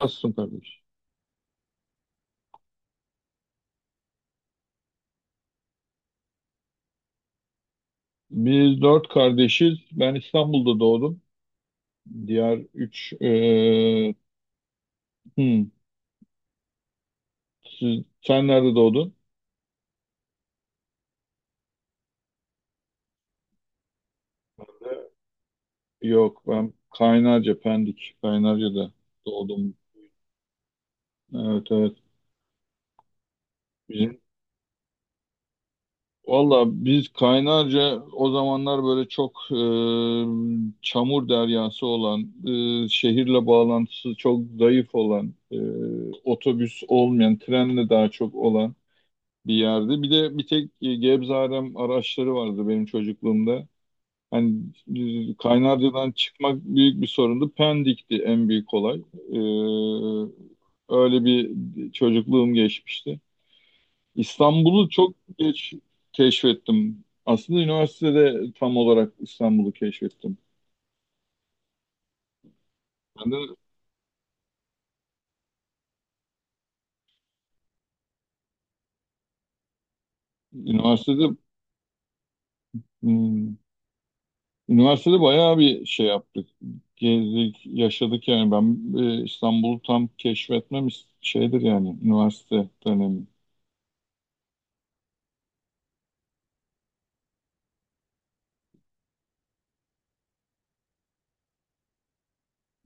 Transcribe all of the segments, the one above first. Nasılsın kardeş? Biz dört kardeşiz. Ben İstanbul'da doğdum. Diğer üç... eee, hmm, sen nerede doğdun? Ben de- Yok ben Kaynarca, Pendik. Kaynarca'da doğdum. Evet, evet. Bizim, valla biz Kaynarca o zamanlar böyle çok çamur deryası olan, şehirle bağlantısı çok zayıf olan, otobüs olmayan, trenle daha çok olan bir yerde. Bir de bir tek Gebze-Arem araçları vardı benim çocukluğumda. Hani Kaynarca'dan çıkmak büyük bir sorundu. Pendik'ti en büyük olay. Öyle bir çocukluğum geçmişti. İstanbul'u çok geç keşfettim. Aslında üniversitede tam olarak İstanbul'u keşfettim. Ben de üniversitede. hmm, Üniversitede bayağı bir şey yaptık. Gezdik, yaşadık yani. Ben İstanbul'u tam keşfetmem şeydir yani üniversite dönemi.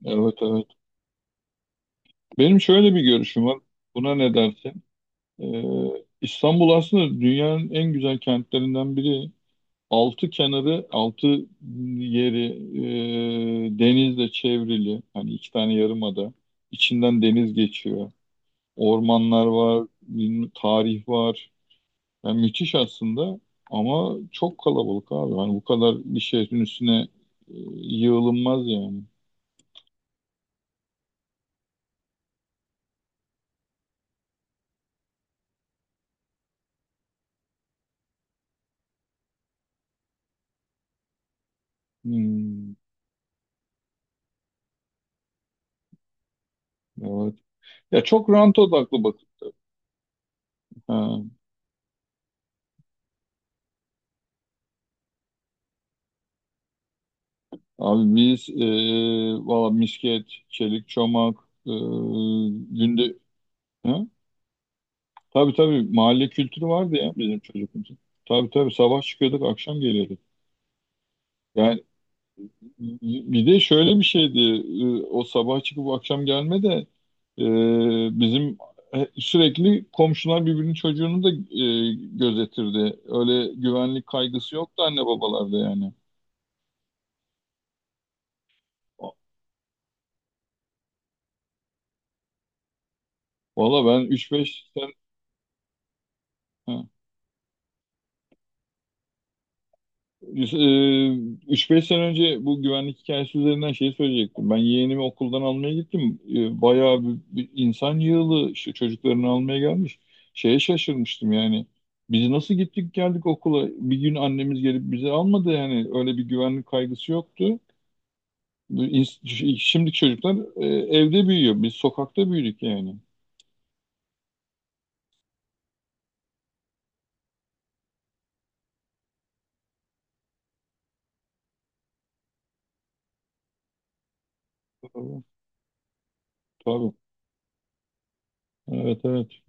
Evet, evet. Benim şöyle bir görüşüm var. Buna ne dersin? Ee, İstanbul aslında dünyanın en güzel kentlerinden biri. Altı kenarı, altı yeri denizle çevrili. Hani iki tane yarımada. İçinden deniz geçiyor. Ormanlar var, tarih var. Yani müthiş aslında ama çok kalabalık abi. Hani bu kadar bir şehrin üstüne yığılınmaz yani. Hmm, evet. Ya çok rant odaklı bak. Ha. Abi biz valla misket, çelik çomak, e, günde... Ha? Tabii, tabii, mahalle kültürü vardı ya bizim çocukluğumuzda. Tabii, tabii, sabah çıkıyorduk akşam geliyorduk. Yani bir de şöyle bir şeydi. O sabah çıkıp akşam gelme de bizim sürekli komşular birbirinin çocuğunu da gözetirdi. Öyle güvenlik kaygısı yoktu anne babalarda yani. Valla ben üç beş sen 3-5 sene önce bu güvenlik hikayesi üzerinden şey söyleyecektim. Ben yeğenimi okuldan almaya gittim. Bayağı bir insan yığılı işte çocuklarını almaya gelmiş. Şeye şaşırmıştım yani. Biz nasıl gittik geldik okula? Bir gün annemiz gelip bizi almadı yani. Öyle bir güvenlik kaygısı yoktu. Şimdiki çocuklar evde büyüyor. Biz sokakta büyüdük yani. Tabii. Tabii. Evet, evet.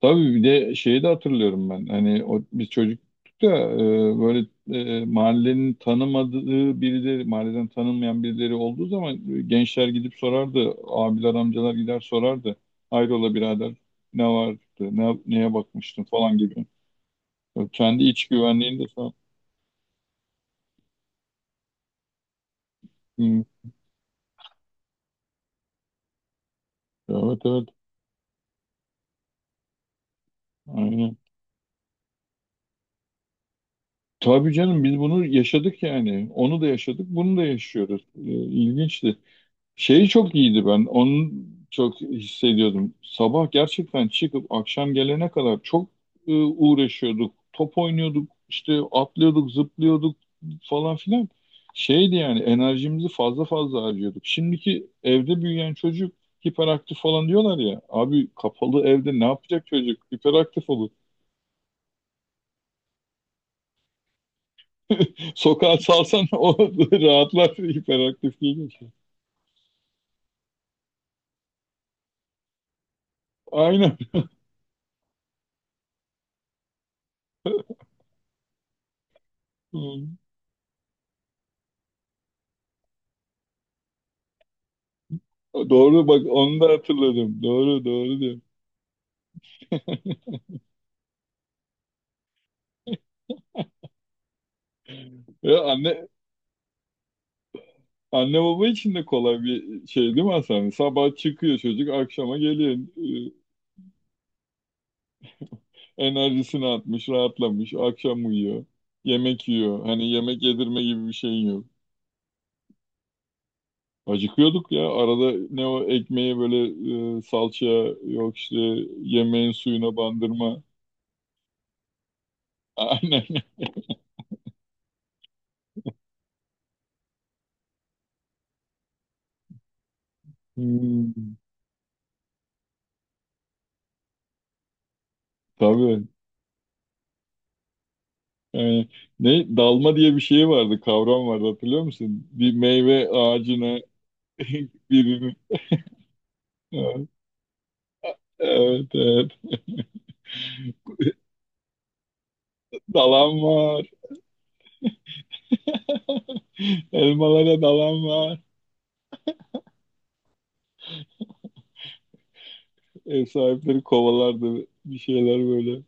Tabii bir de şeyi de hatırlıyorum ben. Hani o, biz çocuktuk da böyle mahallenin tanımadığı birileri, mahalleden tanınmayan birileri olduğu zaman gençler gidip sorardı. Abiler, amcalar gider sorardı. Hayrola birader ne vardı, neye bakmıştın falan gibi. Ya kendi iç güvenliğini de sağ. Hı. Evet, evet. Aynen. Tabii canım biz bunu yaşadık yani. Onu da yaşadık, bunu da yaşıyoruz. İlginçti. Şeyi çok iyiydi ben. Onu çok hissediyordum. Sabah gerçekten çıkıp akşam gelene kadar çok uğraşıyorduk. Top oynuyorduk, işte atlıyorduk, zıplıyorduk falan filan. Şeydi yani enerjimizi fazla fazla harcıyorduk. Şimdiki evde büyüyen çocuk hiperaktif falan diyorlar ya. Abi kapalı evde ne yapacak çocuk? Hiperaktif olur. Sokağa salsan o rahatlar hiperaktif değil. Aynen. Doğru bak onu da hatırladım. Doğru, doğru diyor. Ya anne baba için de kolay bir şey değil mi Hasan? Sabah çıkıyor çocuk, akşama geliyor. Ee, Enerjisini atmış, rahatlamış, akşam uyuyor. Yemek yiyor. Hani yemek yedirme gibi bir şey yok. Acıkıyorduk ya. Arada ne o ekmeği böyle salçaya yok işte yemeğin suyuna bandırma. Aynen. Hmm, tabii. Yani ne dalma diye bir şey vardı, kavram vardı hatırlıyor musun? Bir meyve ağacına birini. Evet, evet, evet. Dalan var. Elmalara dalan var. Ev sahipleri kovalardı. Bir şeyler böyle.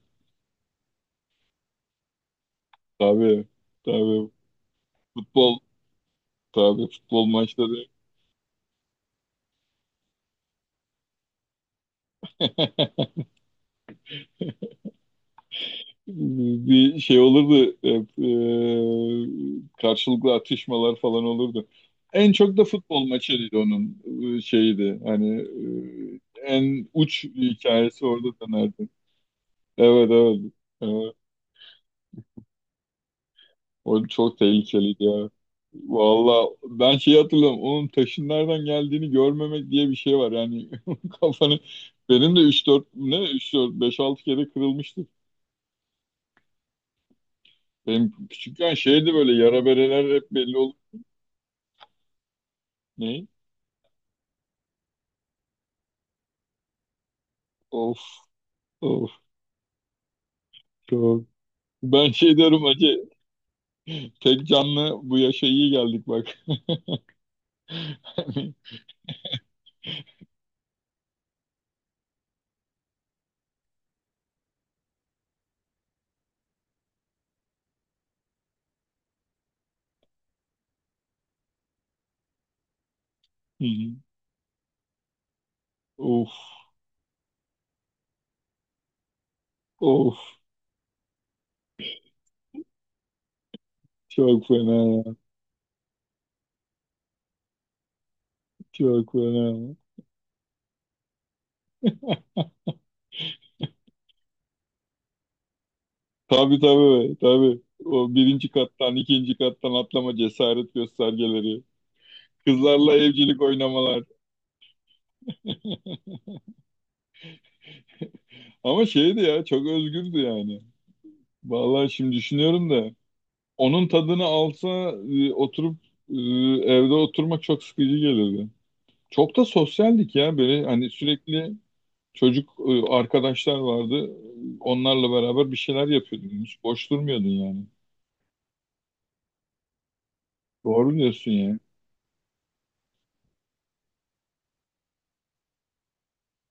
Tabii. Tabii. Futbol. Tabii futbol maçları. Bir şey olurdu. Hep, karşılıklı atışmalar falan olurdu. En çok da futbol maçıydı onun şeydi. Hani en uç hikayesi orada dönerdi. Evet, evet. Evet. O çok tehlikeliydi ya. Valla ben şeyi hatırlıyorum. Onun taşın nereden geldiğini görmemek diye bir şey var. Yani kafanı benim de üç dört ne üç dört beş altı kere kırılmıştı. Benim küçükken şeydi böyle yara bereler hep belli olur. Ne? Of, of, çok. Ben şey diyorum hacı tek canlı bu yaşa iyi geldik bak. Hani, hı hı. Of, of, çok fena ya. Çok fena. Tabii, tabii, tabii. O birinci kattan ikinci kattan atlama cesaret göstergeleri. Kızlarla evcilik oynamalar. Ama şeydi ya çok özgürdü yani. Vallahi şimdi düşünüyorum da onun tadını alsa oturup e, evde oturmak çok sıkıcı gelirdi. Çok da sosyaldik ya böyle hani sürekli çocuk arkadaşlar vardı. Onlarla beraber bir şeyler yapıyordun. Hiç boş durmuyordun yani. Doğru diyorsun ya.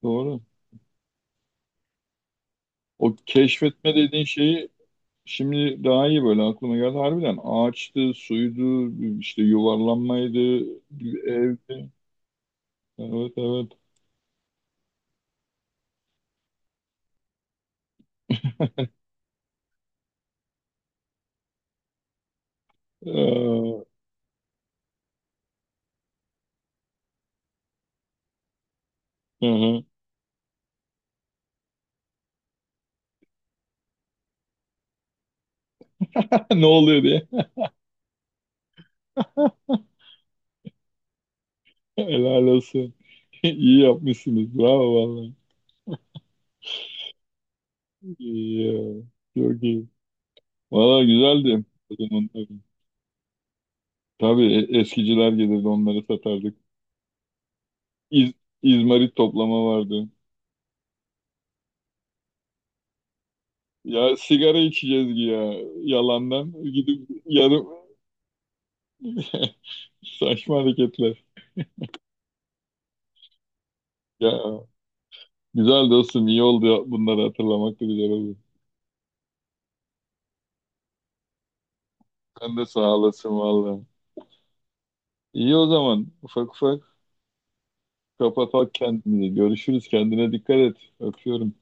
Doğru. O keşfetme dediğin şeyi. Şimdi daha iyi böyle aklıma geldi. Harbiden ağaçtı, suydu, işte yuvarlanmaydı, evdi. Evet, evet. Ee, hı hı. Ne oluyor diye. Helal olsun. İyi yapmışsınız. Bravo vallahi. İyi ya. Çok iyi. Valla güzeldi. O zaman tabii. Tabii eskiciler gelirdi onları satardık. İz, izmarit toplama vardı. Ya sigara içeceğiz ki ya yalandan. Gidip yarım saçma hareketler. Ya güzel dostum iyi oldu ya, bunları hatırlamak da güzel oldu. Sen de sağ olasın valla. İyi o zaman ufak ufak kapatalım kendimizi. Görüşürüz kendine dikkat et. Öpüyorum.